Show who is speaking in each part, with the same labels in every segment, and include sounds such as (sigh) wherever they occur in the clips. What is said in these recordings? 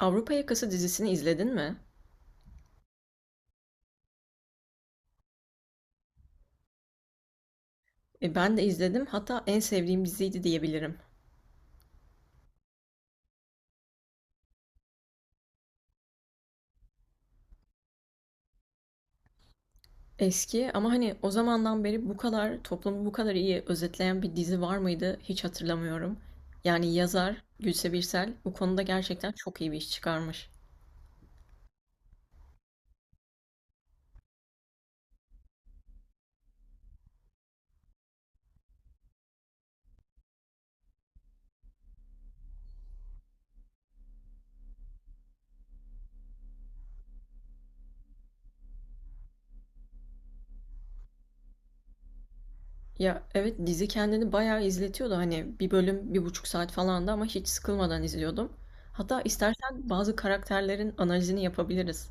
Speaker 1: Avrupa Yakası dizisini izledin mi? Ben de izledim. Hatta en sevdiğim diziydi diyebilirim. Eski ama hani o zamandan beri bu kadar toplumu bu kadar iyi özetleyen bir dizi var mıydı hiç hatırlamıyorum. Yani yazar Gülse Birsel bu konuda gerçekten çok iyi bir iş çıkarmış. Ya evet, dizi kendini bayağı izletiyordu, hani bir bölüm bir buçuk saat falandı ama hiç sıkılmadan izliyordum. Hatta istersen bazı karakterlerin analizini yapabiliriz.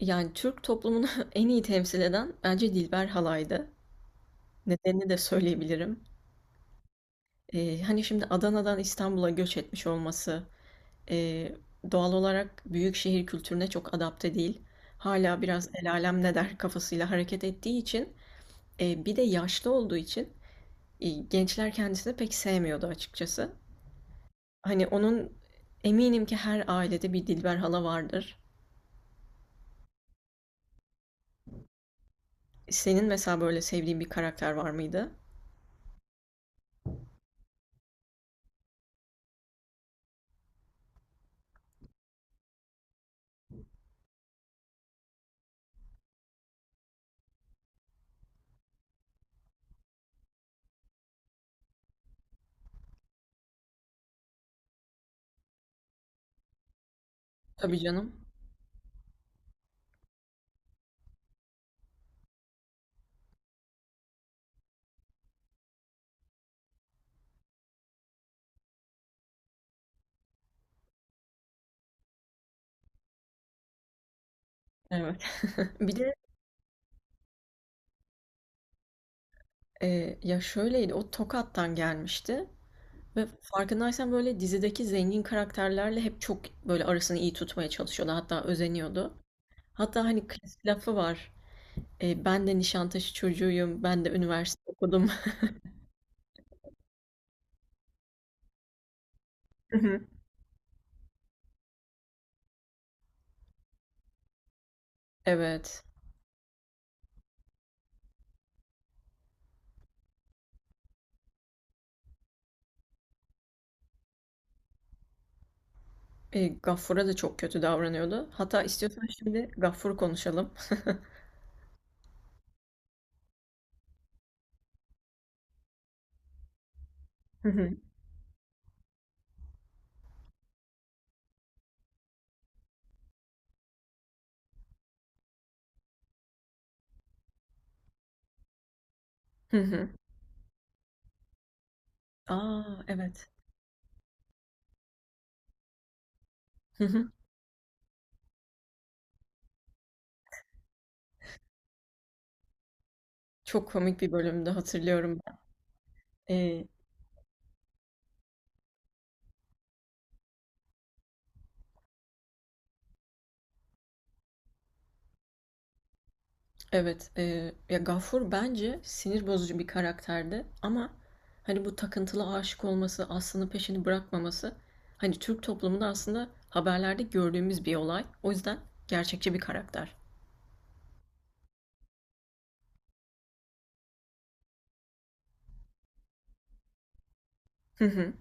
Speaker 1: Yani Türk toplumunu (laughs) en iyi temsil eden bence Dilber Halay'dı. Nedenini de söyleyebilirim. Hani şimdi Adana'dan İstanbul'a göç etmiş olması eee, doğal olarak büyük şehir kültürüne çok adapte değil. Hala biraz el alem ne der kafasıyla hareket ettiği için bir de yaşlı olduğu için gençler kendisini pek sevmiyordu açıkçası. Hani onun, eminim ki her ailede bir Dilber hala vardır. Senin mesela böyle sevdiğin bir karakter var mıydı? Tabii canım. Evet. (laughs) Bir de ya şöyleydi, o Tokat'tan gelmişti. Ve farkındaysan böyle dizideki zengin karakterlerle hep çok böyle arasını iyi tutmaya çalışıyordu. Hatta özeniyordu. Hatta hani klasik lafı var. E, ben de Nişantaşı çocuğuyum. Ben de üniversite okudum. (laughs) Evet. E, Gaffur'a da çok kötü davranıyordu. Hatta istiyorsan şimdi Gaffur konuşalım. Hı hı. Hı hı. Aa evet. Hı hı. Çok komik bir bölümde hatırlıyorum ben. E, Evet, ya Gafur bence sinir bozucu bir karakterdi ama hani bu takıntılı aşık olması, aslında peşini bırakmaması, hani Türk toplumunda aslında haberlerde gördüğümüz bir olay. O yüzden gerçekçi bir karakter. Hı hı.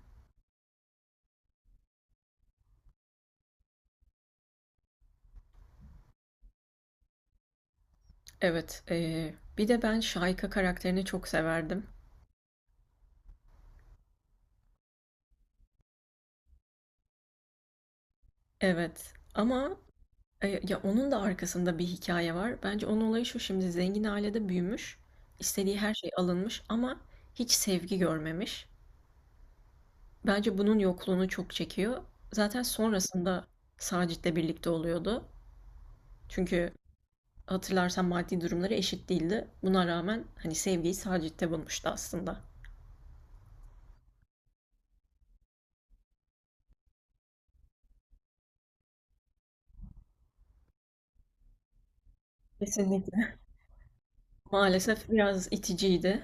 Speaker 1: Evet, bir de ben Şahika karakterini çok severdim. Evet ama ya onun da arkasında bir hikaye var. Bence onun olayı şu: şimdi zengin ailede büyümüş, istediği her şey alınmış ama hiç sevgi görmemiş. Bence bunun yokluğunu çok çekiyor. Zaten sonrasında Sacit'le birlikte oluyordu. Çünkü hatırlarsan maddi durumları eşit değildi. Buna rağmen hani sevgiyi Sacit'te bulmuştu aslında. Kesinlikle. (laughs) Maalesef biraz iticiydi.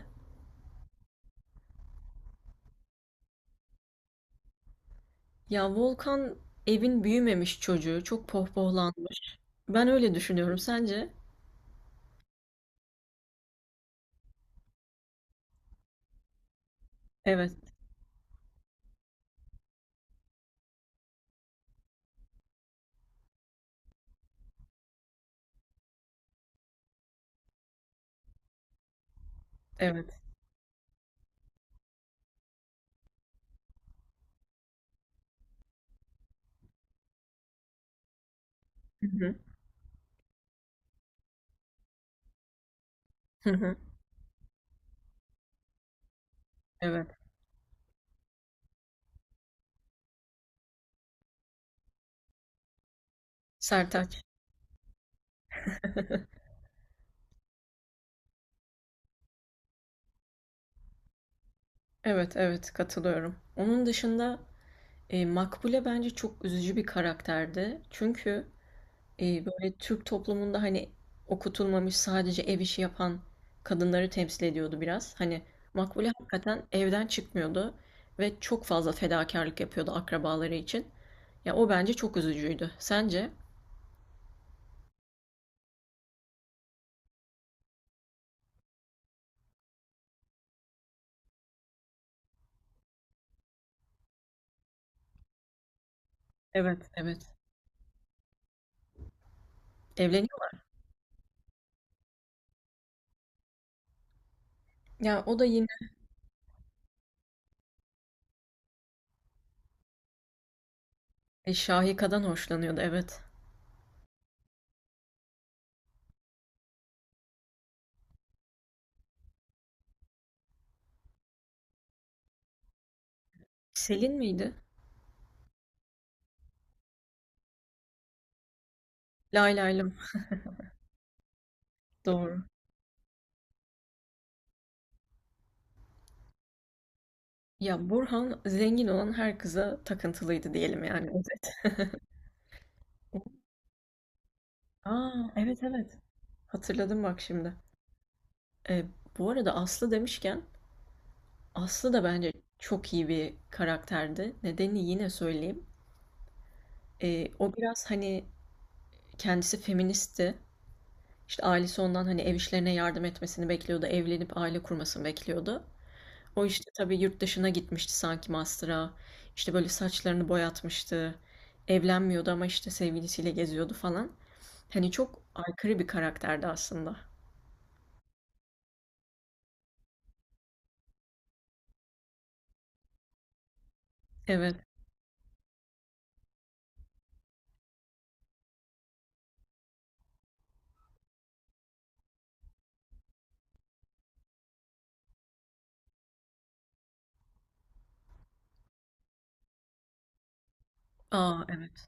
Speaker 1: Ya Volkan, evin büyümemiş çocuğu, çok pohpohlanmış. Ben öyle düşünüyorum. Sence? Evet, evet. Hı hı, hı hı, evet. Sertaç. Evet, evet, katılıyorum. Onun dışında, Makbule bence çok üzücü bir karakterdi. Çünkü böyle Türk toplumunda hani okutulmamış, sadece ev işi yapan kadınları temsil ediyordu biraz. Hani Makbule hakikaten evden çıkmıyordu ve çok fazla fedakarlık yapıyordu akrabaları için. Ya o bence çok üzücüydü. Sence? Evet, evet. Evleniyorlar. Ya o da yine Şahika'dan hoşlanıyordu, evet. Selin miydi? Lay lay lom. Doğru. Ya Burhan zengin olan her kıza takıntılıydı diyelim yani. Evet. (laughs) Aa evet, evet. Hatırladım bak şimdi. E, Bu arada Aslı demişken, Aslı da bence çok iyi bir karakterdi. Nedenini yine söyleyeyim. O biraz hani kendisi feministti. İşte ailesi ondan hani ev işlerine yardım etmesini bekliyordu. Evlenip aile kurmasını bekliyordu. O işte tabii yurt dışına gitmişti sanki master'a. İşte böyle saçlarını boyatmıştı. Evlenmiyordu ama işte sevgilisiyle geziyordu falan. Hani çok aykırı bir karakterdi aslında. Evet. Aa evet.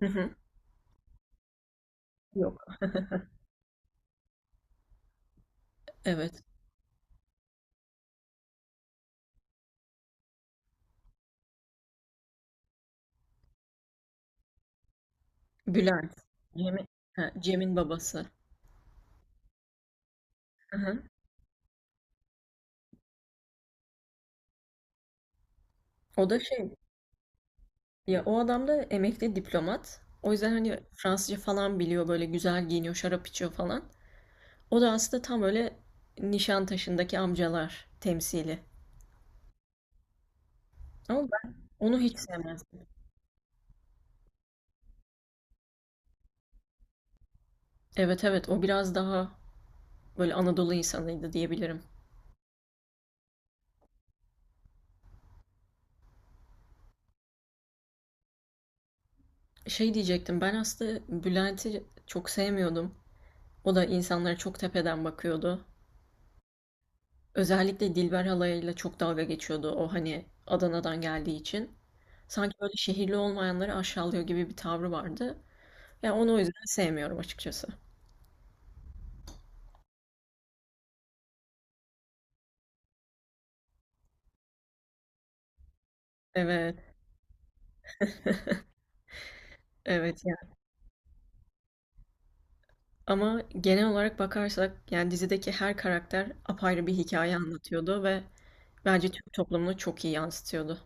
Speaker 1: Hı hı. Yok. (laughs) Evet. Bülent. Cem'in ha, Cem'in babası. Hı hı. O da şey, ya o adam da emekli diplomat. O yüzden hani Fransızca falan biliyor, böyle güzel giyiniyor, şarap içiyor falan. O da aslında tam öyle Nişantaşı'ndaki amcalar temsili. Ama ben onu hiç sevmezdim. Evet, evet, o biraz daha böyle Anadolu insanıydı diyebilirim. Şey diyecektim, ben aslında Bülent'i çok sevmiyordum. O da insanlara çok tepeden bakıyordu. Özellikle Dilber halayıyla çok dalga geçiyordu, o hani Adana'dan geldiği için. Sanki böyle şehirli olmayanları aşağılıyor gibi bir tavrı vardı. Ya onu o yüzden sevmiyorum açıkçası. Evet, evet yani. Ama genel olarak bakarsak yani dizideki her karakter apayrı bir hikaye anlatıyordu ve bence Türk toplumunu çok iyi yansıtıyordu.